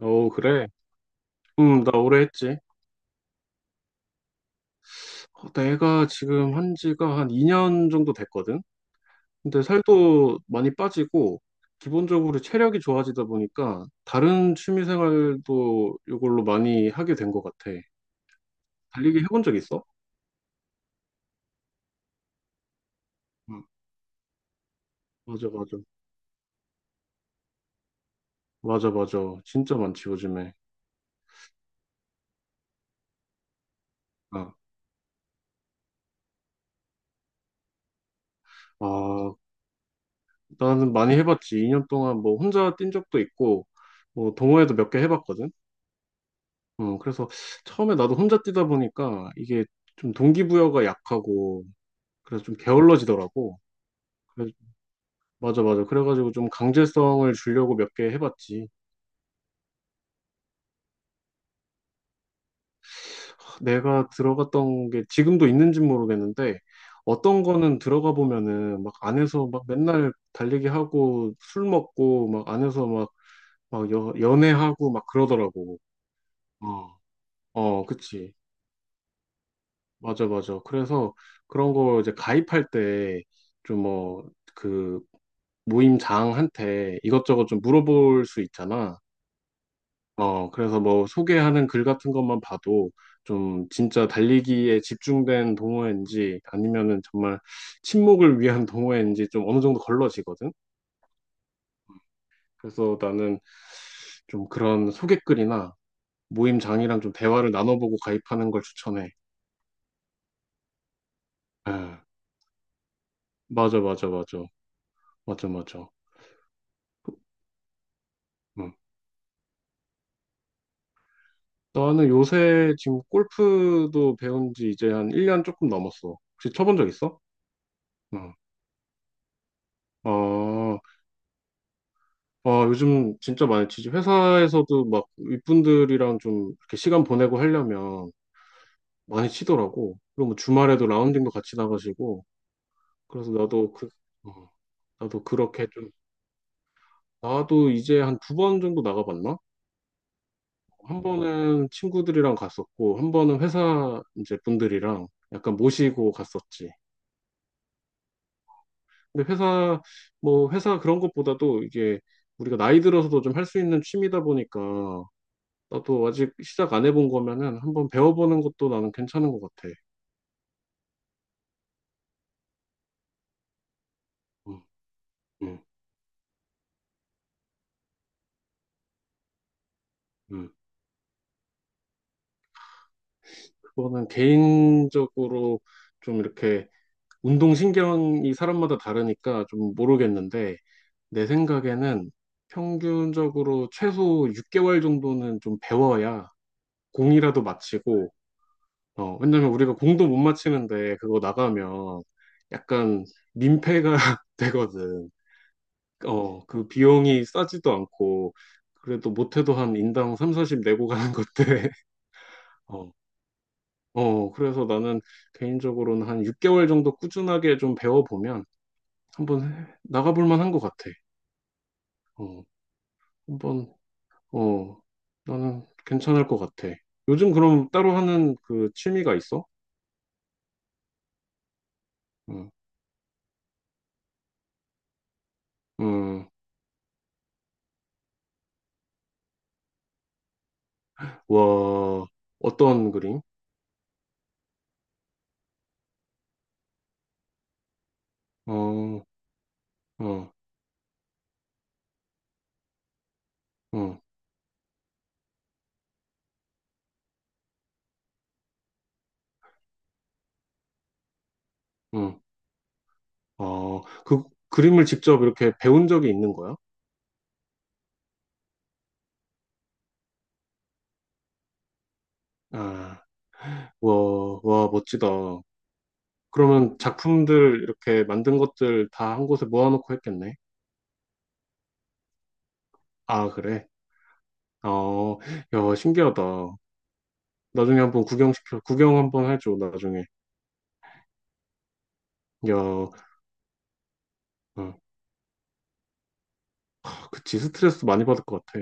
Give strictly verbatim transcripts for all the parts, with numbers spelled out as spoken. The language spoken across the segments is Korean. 어, 그래. 음, 나 오래 했지. 어, 내가 지금 한 지가 한 이 년 정도 됐거든? 근데 살도 많이 빠지고, 기본적으로 체력이 좋아지다 보니까, 다른 취미 생활도 이걸로 많이 하게 된 것 같아. 달리기 해본 적 있어? 응. 맞아, 맞아. 맞아, 맞아. 진짜 많지, 요즘에. 아, 아, 나는 많이 해봤지. 이 년 동안 뭐 혼자 뛴 적도 있고, 뭐 동호회도 몇 개 해봤거든? 음, 그래서 처음에 나도 혼자 뛰다 보니까 이게 좀 동기부여가 약하고 그래서 좀 게을러지더라고. 그래, 맞아, 맞아. 그래가지고 좀 강제성을 주려고 몇 개 해봤지. 내가 들어갔던 게 지금도 있는지 모르겠는데, 어떤 거는 들어가 보면은 막 안에서 막 맨날 달리기 하고 술 먹고 막 안에서 막, 막 여, 연애하고 막 그러더라고. 어, 어, 그치. 맞아, 맞아. 그래서 그런 거 이제 가입할 때 좀 뭐 그 모임장한테 이것저것 좀 물어볼 수 있잖아. 어, 그래서 뭐 소개하는 글 같은 것만 봐도 좀 진짜 달리기에 집중된 동호회인지 아니면은 정말 친목을 위한 동호회인지 좀 어느 정도 걸러지거든. 그래서 나는 좀 그런 소개글이나 모임장이랑 좀 대화를 나눠보고 가입하는 걸 추천해. 아, 맞아, 맞아, 맞아. 맞아, 맞아. 응. 나는 요새 지금 골프도 배운 지 이제 한 일 년 조금 넘었어. 혹시 쳐본 적 있어? 응. 아, 아, 요즘 진짜 많이 치지. 회사에서도 막 윗분들이랑 좀 이렇게 시간 보내고 하려면 많이 치더라고. 그리고 뭐 주말에도 라운딩도 같이 나가시고. 그래서 나도 그, 어, 나도 그렇게 좀, 나도 이제 한 두 번 정도 나가봤나? 한 번은 친구들이랑 갔었고, 한 번은 회사 이제 분들이랑 약간 모시고 갔었지. 근데 회사, 뭐 회사 그런 것보다도 이게 우리가 나이 들어서도 좀 할 수 있는 취미다 보니까 나도 아직 시작 안 해본 거면은 한번 배워보는 것도 나는 괜찮은 것 같아. 음, 음, 음. 그거는 개인적으로 좀 이렇게 운동신경이 사람마다 다르니까 좀 모르겠는데, 내 생각에는 평균적으로 최소 육 개월 정도는 좀 배워야 공이라도 마치고, 어, 왜냐면 우리가 공도 못 마치는데 그거 나가면 약간 민폐가 되거든. 어, 그 비용이 싸지도 않고, 그래도 못해도 한 인당 삼십, 사십 내고 가는 것들. 어, 어, 그래서 나는 개인적으로는 한 육 개월 정도 꾸준하게 좀 배워보면 한번 해- 나가볼 만한 것 같아. 어, 한번, 어, 나는 괜찮을 것 같아. 요즘 그럼 따로 하는 그 취미가 있어? 응, 응, 와, 어떤 그림? 어, 어, 어, 어, 어, 그 그림을 직접 이렇게 배운 적이 있는 거야? 아. 와, 와, 멋지다. 그러면 작품들 이렇게 만든 것들 다 한 곳에 모아놓고 했겠네. 아, 그래? 어, 야, 신기하다. 나중에 한번 구경시켜, 구경 한번 해줘, 나중에. 야, 어, 그치, 스트레스 많이 받을 것 같아.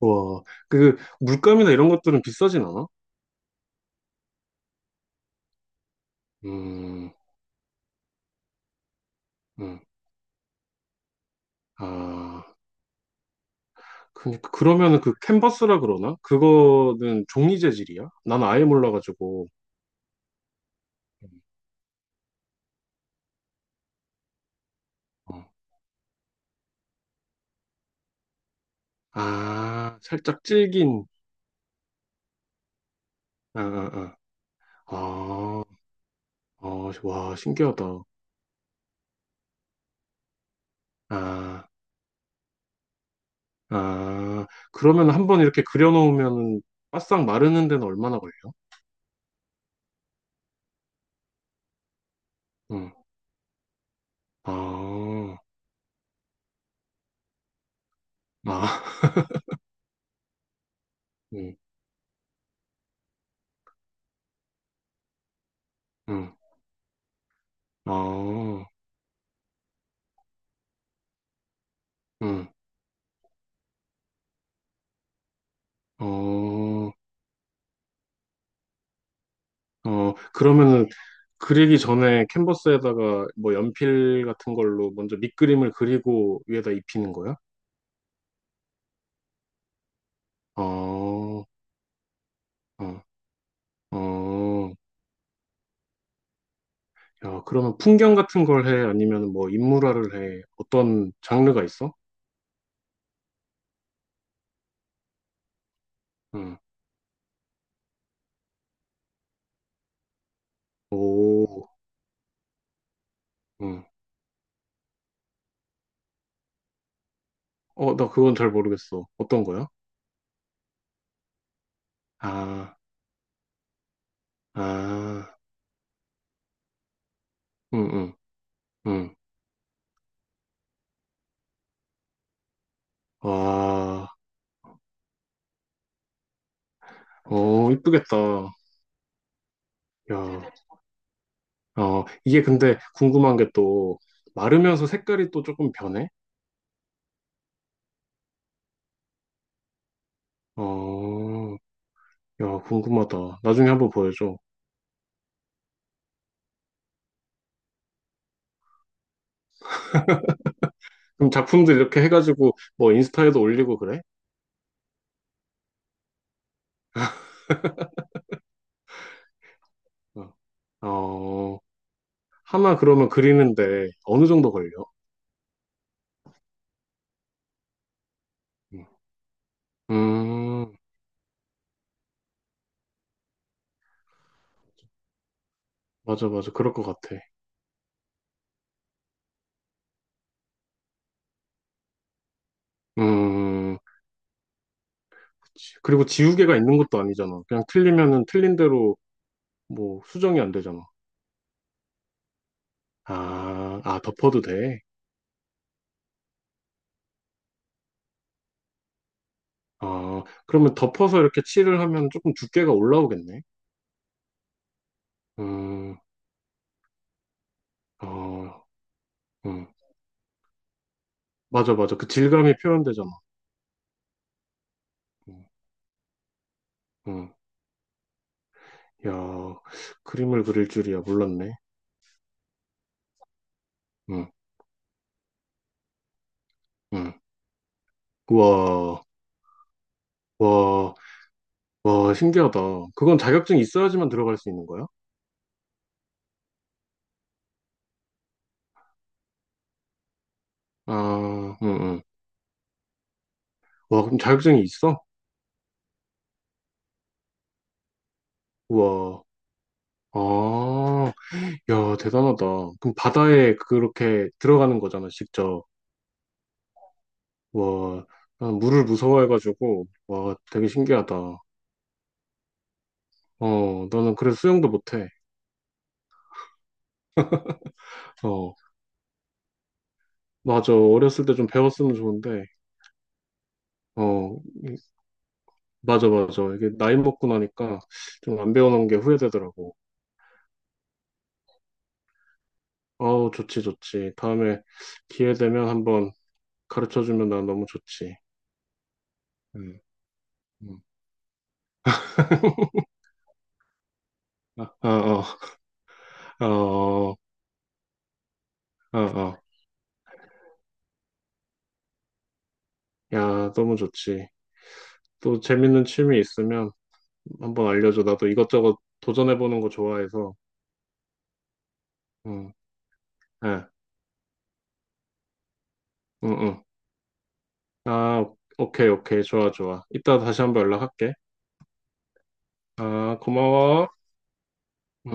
와, 그, 물감이나 이런 것들은 비싸진 않아? 음, 음, 아, 그, 그러면은 그 캔버스라 그러나? 그거는 종이 재질이야? 난 아예 몰라가지고. 음, 어. 아, 살짝 질긴, 아, 아, 아. 아, 아, 와, 신기하다. 아, 아, 그러면 한 번 이렇게 그려놓으면 바싹 마르는 데는 얼마나 걸려요? 응, 아, 아, 응, 응, 아, 응, 어, 어, 그러면은 그리기 전에 캔버스에다가 뭐 연필 같은 걸로 먼저 밑그림을 그리고 위에다 입히는 거야? 어, 어, 어. 야, 그러면 풍경 같은 걸 해? 아니면 뭐 인물화를 해? 어떤 장르가 있어? 응. 오, 응. 어, 나 그건 잘 모르겠어. 어떤 거야? 아, 아, 응, 응, 응. 와, 어, 이쁘겠다. 야, 어, 이게 근데 궁금한 게 또, 마르면서 색깔이 또 조금 변해? 어, 야, 궁금하다. 나중에 한번 보여줘. 그럼 작품들 이렇게 해가지고, 뭐, 인스타에도 올리고 그래? 어, 어, 하나 그러면 그리는데 어느 정도 걸려? 응. 음, 맞아, 맞아. 그럴 것 같아. 음. 음, 음. 지- 그리고 지우개가 있는 것도 아니잖아. 그냥 틀리면은 틀린 대로 뭐 수정이 안 되잖아. 아, 아, 덮어도 돼. 아, 그러면 덮어서 이렇게 칠을 하면 조금 두께가 올라오겠네. 음, 어, 음. 맞아, 맞아. 그 질감이 표현되잖아. 음, 음. 야, 그림을 그릴 줄이야. 몰랐네. 음, 음. 우와, 와, 와, 신기하다. 그건 자격증이 있어야지만 들어갈 수 있는 거야? 아, 응응. 와, 그럼 자격증이 있어? 우와, 아. 야, 대단하다. 그럼 바다에 그렇게 들어가는 거잖아, 직접. 와, 난 물을 무서워해가지고, 와, 되게 신기하다. 어, 나는 그래서 수영도 못해. 어, 맞아. 어렸을 때 좀 배웠으면 좋은데. 어, 이- 맞아, 맞아. 이게 나이 먹고 나니까 좀 안 배워놓은 게 후회되더라고. 어우, 좋지, 좋지. 다음에 기회 되면 한번 가르쳐주면 난 너무 좋지. 음, 음. 아, 아, 어, 어, 어, 어. 야, 너무 좋지. 또 재밌는 취미 있으면 한번 알려줘. 나도 이것저것 도전해보는 거 좋아해서. 응, 예, 응, 응. 아, 오케이, 오케이. 좋아, 좋아. 이따 다시 한번 연락할게. 아, 고마워. 음.